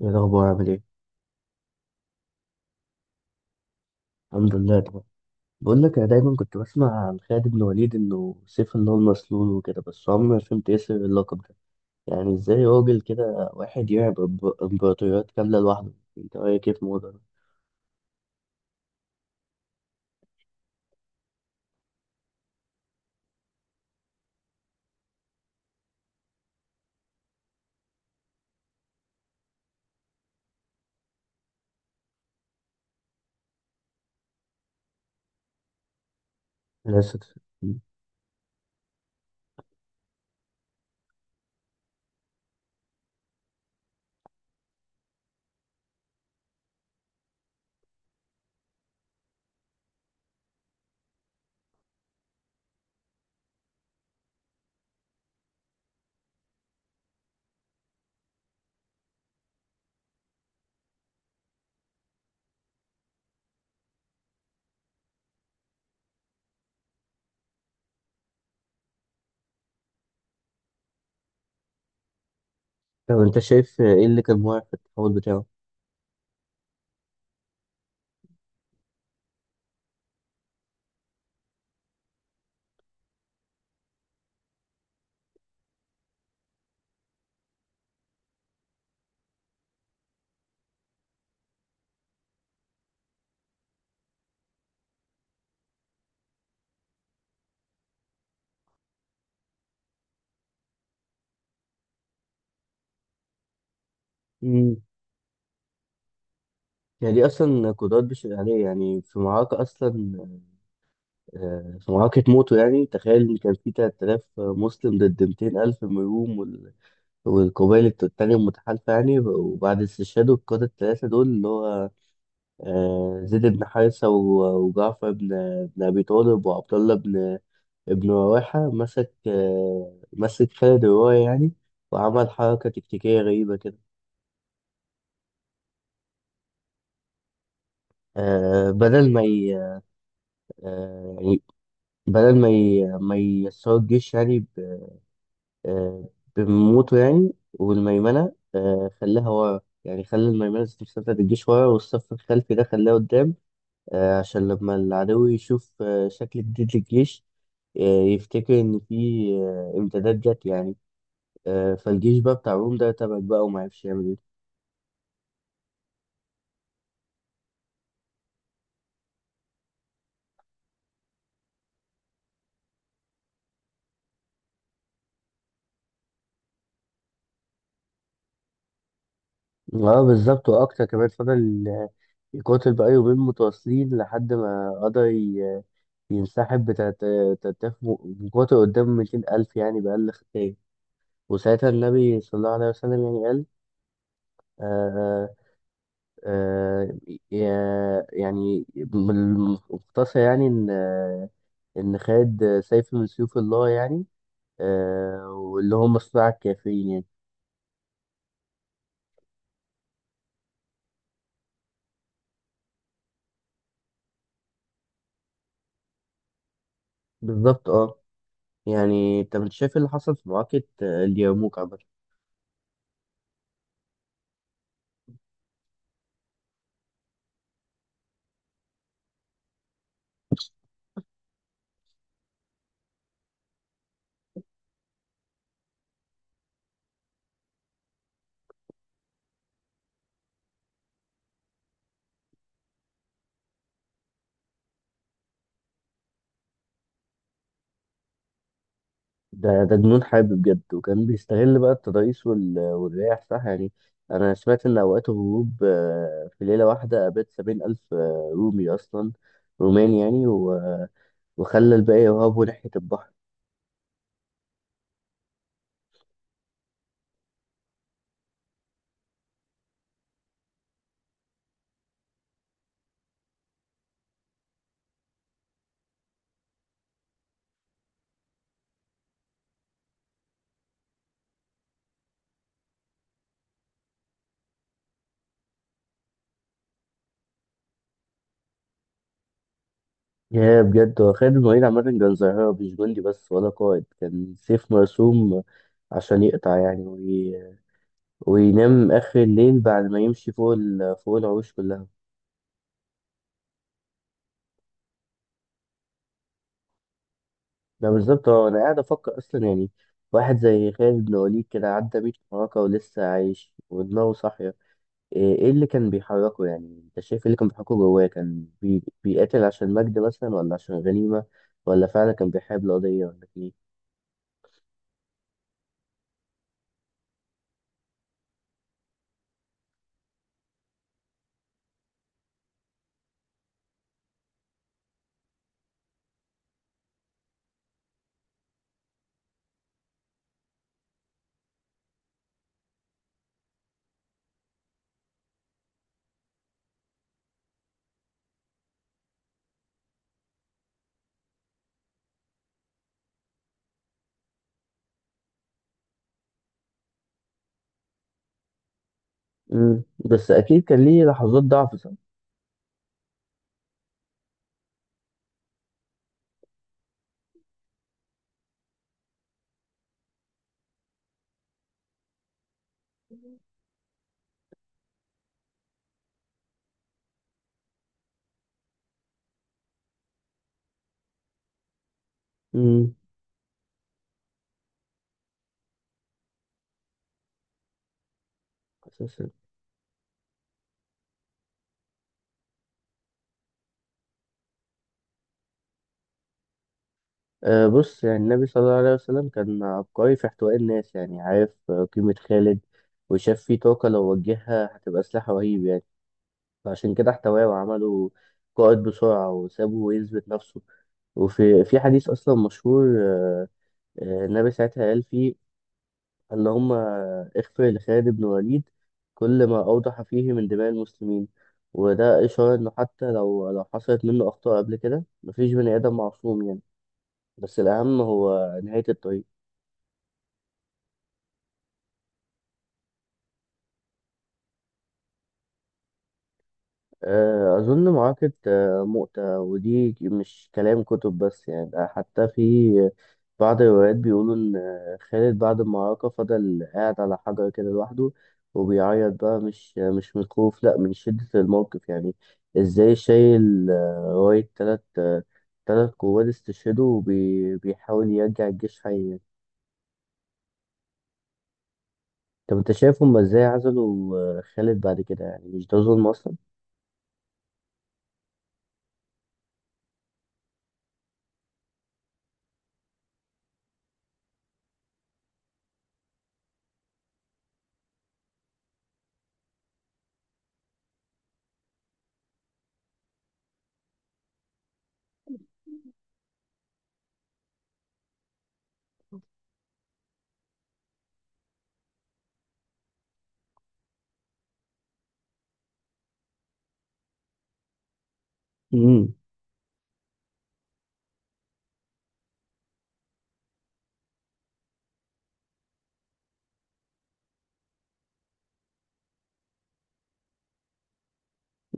ايه الاخبار، عامل ايه؟ الحمد لله طبعا. بقول لك، انا دايما كنت بسمع عن خالد بن وليد انه سيف، ان هو المسلول وكده، بس عمري ما فهمت ايه سر اللقب ده. يعني ازاي راجل كده واحد يلعب امبراطوريات كامله لوحده؟ انت رايك ايه في الموضوع ده؟ للاسف. طب انت شايف ايه اللي كان موقع في التحول بتاعه؟ امم يعني دي اصلا قدرات بشر عليه، يعني في معركه اصلا. في معركه موته، يعني تخيل ان كان في 3000 مسلم ضد 200,000 من الروم والقبائل التانية المتحالفة، يعني وبعد استشهاد القادة التلاتة دول، اللي هو زيد بن حارثة وجعفر بن أبي طالب، وعبد الله بن رواحة، مسك مسك خالد الرواية، يعني وعمل حركة تكتيكية غريبة كده. بدل ما ي... آه، يعني ما يسروا الجيش، يعني ب... آه، بموته، يعني والميمنة خلاها ورا، يعني خلى الميمنة ذات نفسها بتاعت الجيش ورا، والصف الخلفي ده خلاه قدام. عشان لما العدو يشوف شكل جديد للجيش، آه، يفتكر إن في إمدادات جت، يعني فالجيش بقى بتاع روم ده تبعك بقى ومعرفش يعمل إيه. اه، بالظبط. وأكتر كمان فضل يقاتل بقى يومين متواصلين، لحد ما قدر ينسحب 3000 مقاتل قدام 200,000، يعني بأقل خسائر. وساعتها النبي صلى الله عليه وسلم يعني قال آه آه يعني بالمختصر، يعني إن خد سيف من سيوف الله، يعني واللي هم صناع الكافرين يعني. بالظبط، اه. يعني انت مش شايف إيه اللي حصل في معركة اليرموك عامة؟ ده جنون حرب بجد، وكان بيستغل بقى التضاريس والرياح، صح يعني. أنا سمعت إن أوقات الهروب في ليلة واحدة قابلت 70,000 رومي، أصلا رومان يعني، وخلى الباقي يهربوا ناحية البحر. يا بجد، هو خالد الوليد عامة كان ظاهرة، مش جندي بس ولا قائد، كان سيف مرسوم عشان يقطع، يعني وينام آخر الليل بعد ما يمشي فوق فوق العروش كلها. ده بالظبط، هو أنا قاعد أفكر أصلا يعني. واحد زي خالد بن وليد كده عدى 100 معركة ولسه عايش ودماغه صاحية. إيه اللي كان بيحركه؟ يعني أنت شايف إيه اللي كان بيحركه جواه؟ كان بيقاتل عشان مجد مثلا ولا عشان غنيمة، ولا فعلا كان بيحارب القضية، ولا كان إيه؟ مم. بس أكيد كان ليه لحظات ضعف. امم أساسا، أه، بص، يعني النبي صلى الله عليه وسلم كان عبقري في احتواء الناس، يعني عارف قيمة خالد، وشاف فيه طاقة لو وجهها هتبقى سلاح رهيب، يعني فعشان كده احتواه وعمله قائد بسرعة وسابه يثبت نفسه. وفي حديث أصلا مشهور النبي ساعتها قال فيه: اللهم اغفر لخالد بن وليد كل ما أوضح فيه من دماء المسلمين. وده إشارة إنه حتى لو حصلت منه أخطاء قبل كده، مفيش بني آدم معصوم يعني. بس الأهم هو نهاية الطريق. أظن معركة مؤتة، ودي مش كلام كتب بس يعني، ده حتى في بعض الروايات بيقولوا إن خالد بعد المعركة فضل قاعد على حجر كده لوحده، وبيعيط بقى، مش من الخوف، لأ، من شدة الموقف يعني. إزاي شايل راية تلات قوات استشهدوا، وبيحاول يرجع الجيش حي يعني. طب أنت شايف هما إزاي عزلوا خالد بعد كده، يعني مش ده ظلم أصلا؟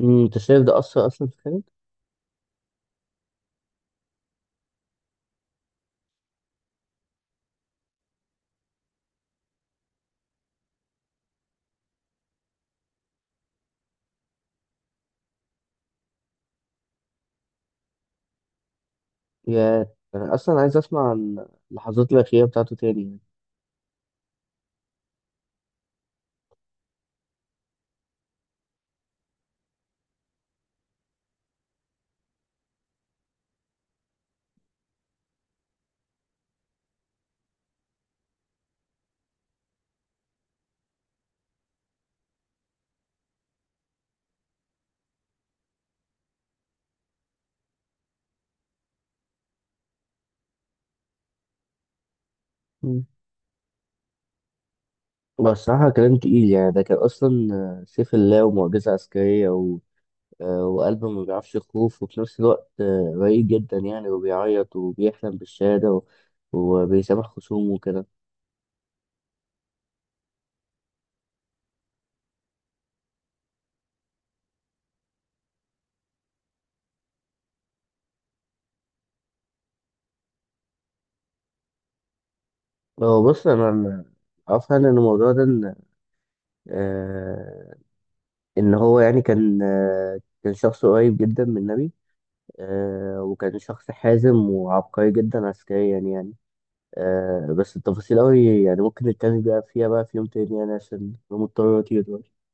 انت شايف ده اثر اصلا في خالد؟ يا، انا اصلا عايز اسمع عن اللحظات الاخيره بتاعته تاني يعني. مم. بس الصراحه، كلام تقيل، يعني ده كان اصلا سيف الله ومعجزه عسكريه، وقلب ما بيعرفش يخوف، وفي نفس الوقت رقيق جدا، يعني وبيعيط وبيحلم بالشهاده، وبيسامح خصومه وكده. هو بص، انا عارف يعني ان الموضوع ده، ان آه، إن هو يعني كان شخص قريب جدا من النبي، وكان شخص حازم وعبقري جدا عسكريا يعني. بس التفاصيل أوي، يعني ممكن نتكلم بقى فيها بقى في يوم تاني، يعني عشان أنا مضطر أطير دلوقتي.